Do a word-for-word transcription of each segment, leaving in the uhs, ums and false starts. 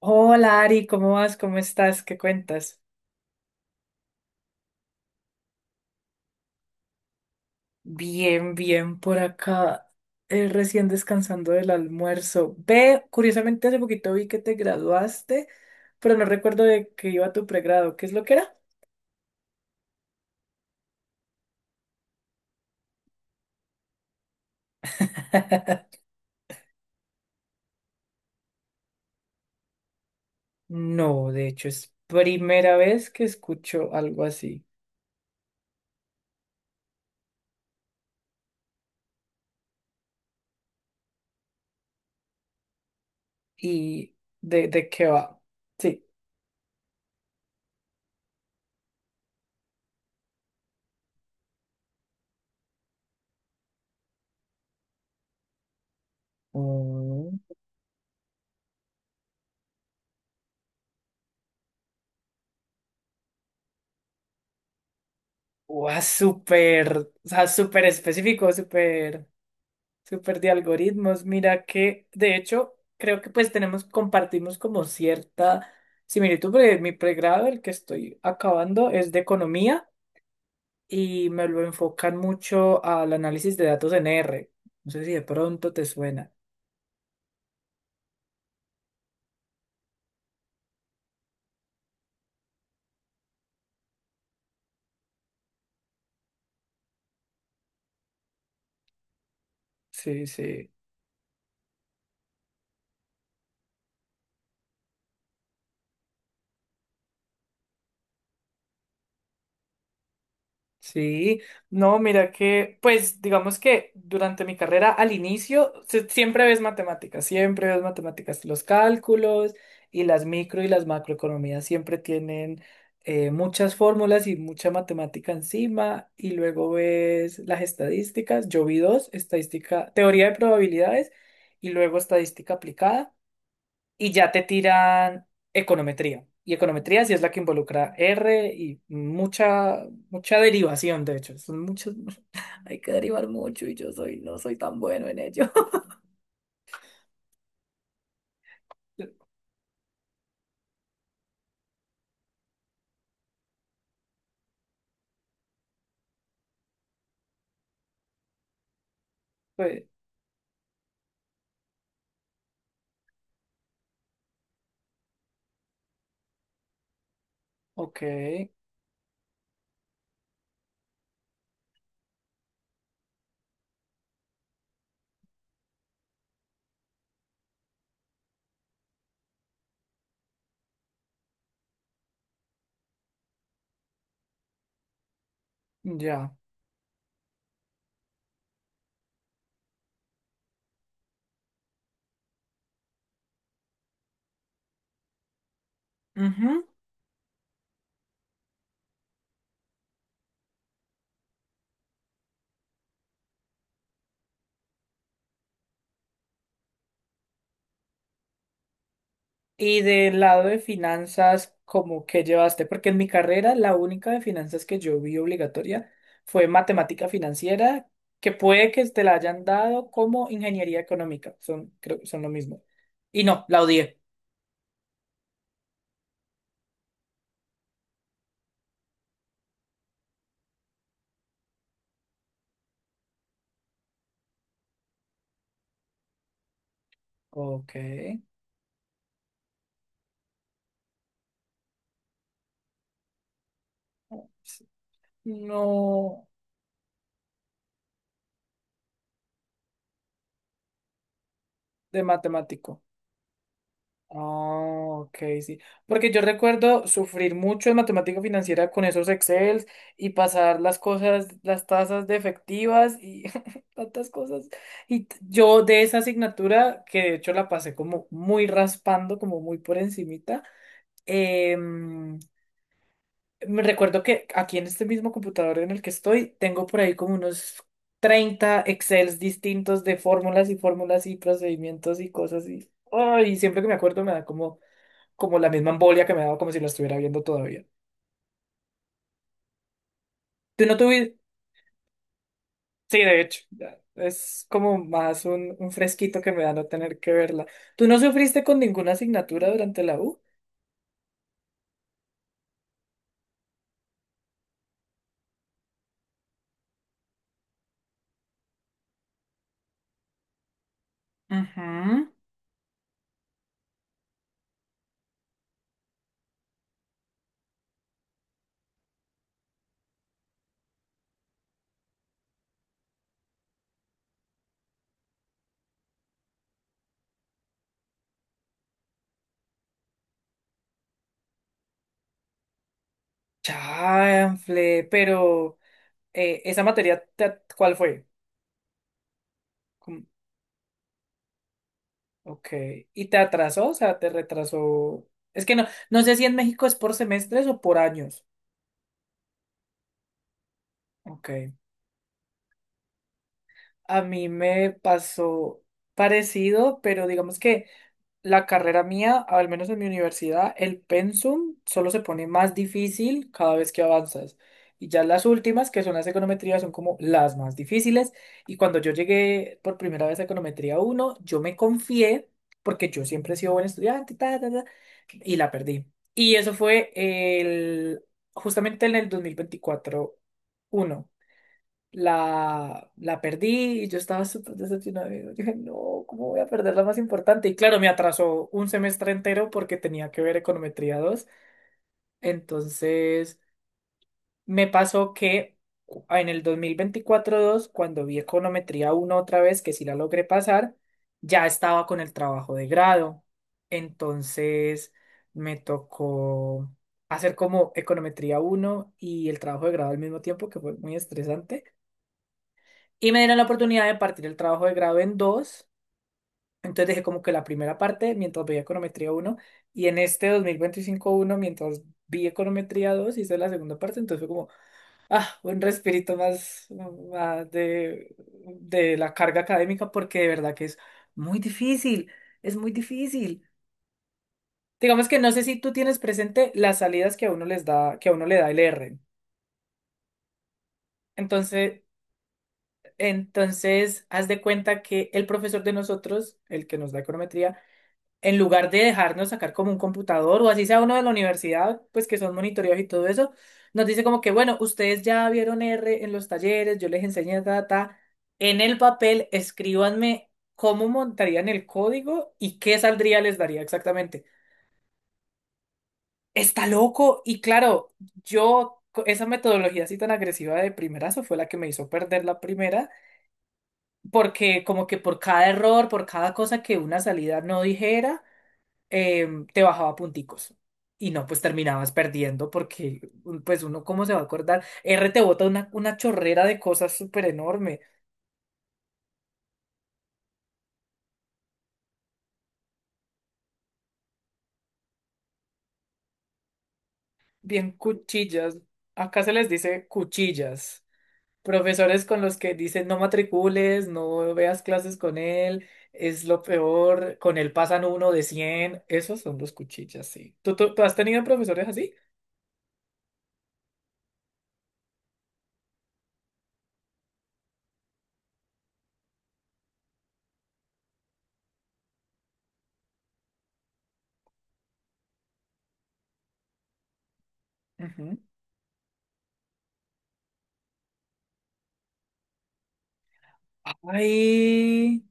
Hola Ari, ¿cómo vas? ¿Cómo estás? ¿Qué cuentas? Bien, bien, por acá, eh, recién descansando del almuerzo. Ve, curiosamente hace poquito vi que te graduaste, pero no recuerdo de que iba tu pregrado. ¿Qué es lo que era? No, de hecho es primera vez que escucho algo así. ¿Y de, de qué va? Sí. Oh. Guau, súper, o sea, súper específico, súper. Súper de algoritmos. Mira que, de hecho, creo que pues tenemos, compartimos como cierta similitud, porque mi pregrado, el que estoy acabando, es de economía y me lo enfocan mucho al análisis de datos en R. No sé si de pronto te suena. Sí, sí. Sí, no, mira que, pues digamos que durante mi carrera al inicio se- siempre ves matemáticas, siempre ves matemáticas, los cálculos y las micro y las macroeconomías siempre tienen eh, muchas fórmulas y mucha matemática encima y luego ves las estadísticas, yo vi dos, estadística, teoría de probabilidades y luego estadística aplicada y ya te tiran econometría. Y econometría sí es la que involucra R y mucha, mucha derivación, de hecho. Son muchos, hay que derivar mucho y yo soy, no soy tan bueno en ello. Pues, ok, ya. Ujú. Y del lado de finanzas, ¿cómo que llevaste? Porque en mi carrera la única de finanzas que yo vi obligatoria fue matemática financiera, que puede que te la hayan dado como ingeniería económica. Son, creo que son lo mismo. Y no, la odié. Ok. No, de matemático. Ah, ok, sí. Porque yo recuerdo sufrir mucho en matemática financiera con esos Excel y pasar las cosas, las tasas de efectivas y tantas cosas. Y t- yo de esa asignatura, que de hecho la pasé como muy raspando, como muy por encimita, em, me recuerdo que aquí en este mismo computador en el que estoy, tengo por ahí como unos treinta Excels distintos de fórmulas y fórmulas y procedimientos y cosas y, ay, siempre que me acuerdo me da como, como la misma embolia que me daba como si la estuviera viendo todavía. ¿Tú no tuviste? Sí, de hecho, ya, es como más un, un fresquito que me da no tener que verla. ¿Tú no sufriste con ninguna asignatura durante la U? Ujú. Chanfle, pero eh, esa materia, ¿te- ¿cuál fue? Ok. ¿Y te atrasó? O sea, te retrasó. Es que no, no sé si en México es por semestres o por años. Ok. A mí me pasó parecido, pero digamos que la carrera mía, al menos en mi universidad, el pensum solo se pone más difícil cada vez que avanzas. Y ya las últimas, que son las econometrías, son como las más difíciles. Y cuando yo llegué por primera vez a econometría uno yo me confié, porque yo siempre he sido buen estudiante, ta, ta, ta, y la perdí. Y eso fue el, justamente en el dos mil veinticuatro uno la, la perdí y yo estaba súper decepcionada. Yo dije, no, ¿cómo voy a perder la más importante? Y claro, me atrasó un semestre entero porque tenía que ver econometría dos. Entonces, me pasó que en el dos mil veinticuatro dos cuando vi econometría uno otra vez, que sí la logré pasar, ya estaba con el trabajo de grado. Entonces, me tocó hacer como econometría uno y el trabajo de grado al mismo tiempo, que fue muy estresante. Y me dieron la oportunidad de partir el trabajo de grado en dos. Entonces dejé como que la primera parte mientras veía econometría uno y en este dos mil veinticinco uno mientras vi econometría dos hice la segunda parte. Entonces fue como, ah, un respirito más, más de, de la carga académica porque de verdad que es muy difícil, es muy difícil. Digamos que no sé si tú tienes presente las salidas que a uno les da, que a uno le da el R. Entonces, entonces, haz de cuenta que el profesor de nosotros, el que nos da econometría, en lugar de dejarnos sacar como un computador o así sea uno de la universidad, pues que son monitoreos y todo eso, nos dice como que, bueno, ustedes ya vieron R en los talleres, yo les enseñé data, en el papel escríbanme cómo montarían el código y qué saldría les daría exactamente. Está loco y claro, yo co- esa metodología así tan agresiva de primerazo fue la que me hizo perder la primera, porque como que por cada error, por cada cosa que una salida no dijera, em, te bajaba punticos. Y no, pues terminabas perdiendo porque, pues uno, ¿cómo se va a acordar? R te bota una, una chorrera de cosas súper enorme, bien cuchillas. Acá se les dice cuchillas. Profesores con los que dicen no matricules, no veas clases con él, es lo peor, con él pasan uno de cien. Esos son los cuchillas, sí. ¿Tú, tú, tú has tenido profesores así? Ujú. Ay,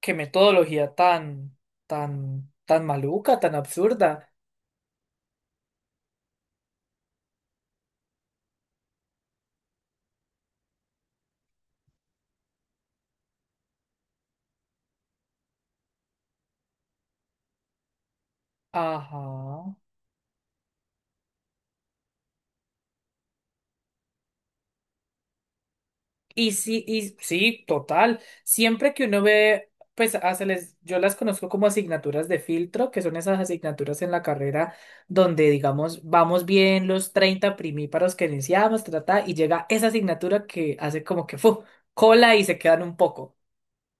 qué metodología tan, tan, tan maluca, tan absurda. Ajá. Y sí, y sí, total. Siempre que uno ve, pues a- se les- yo las conozco como asignaturas de filtro, que son esas asignaturas en la carrera donde, digamos, vamos bien los treinta primíparos que iniciamos, trata, y llega esa asignatura que hace como que fu, cola y se quedan un poco.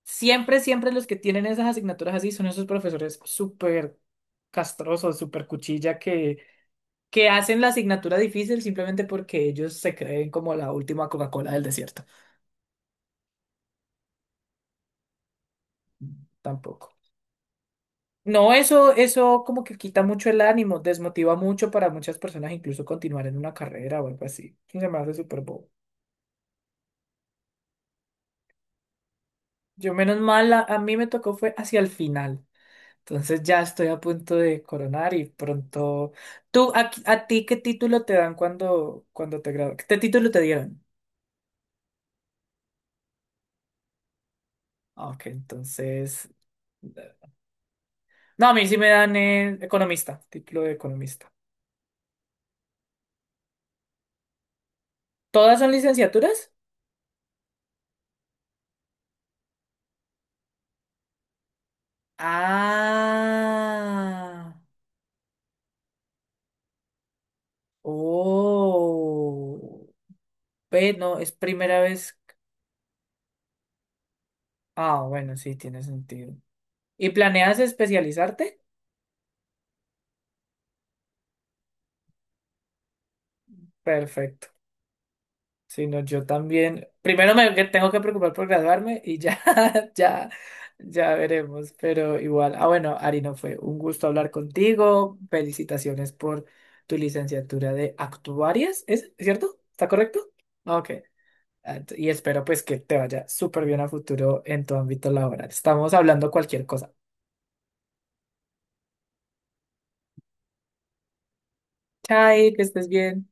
Siempre, siempre los que tienen esas asignaturas así son esos profesores súper castrosos, súper cuchilla, que, que hacen la asignatura difícil simplemente porque ellos se creen como la última Coca-Cola del desierto. Tampoco. No, eso, eso como que quita mucho el ánimo, desmotiva mucho para muchas personas incluso continuar en una carrera o algo así. Eso se me hace súper bobo. Yo menos mal, a, a mí me tocó fue hacia el final. Entonces ya estoy a punto de coronar y pronto... ¿Tú, a, a ti qué título te dan cuando, cuando te gradúas? ¿Qué título te dieron? Ah, ok, entonces... No, a mí sí me dan eh, economista, título de economista. ¿Todas son licenciaturas? Ah. Oh, ve, no, es primera vez. Ah, bueno, sí, tiene sentido. ¿Y planeas especializarte? Perfecto. Si no, yo también. Primero me que tengo que preocupar por graduarme y ya, ya, ya veremos. Pero igual, ah, bueno, Ari, no fue un gusto hablar contigo. Felicitaciones por tu licenciatura de actuarias, ¿es cierto? ¿Está correcto? Ok. Ah, t- y espero pues que te vaya súper bien a futuro en tu ámbito laboral. Estamos hablando cualquier cosa. Chai, que estés bien.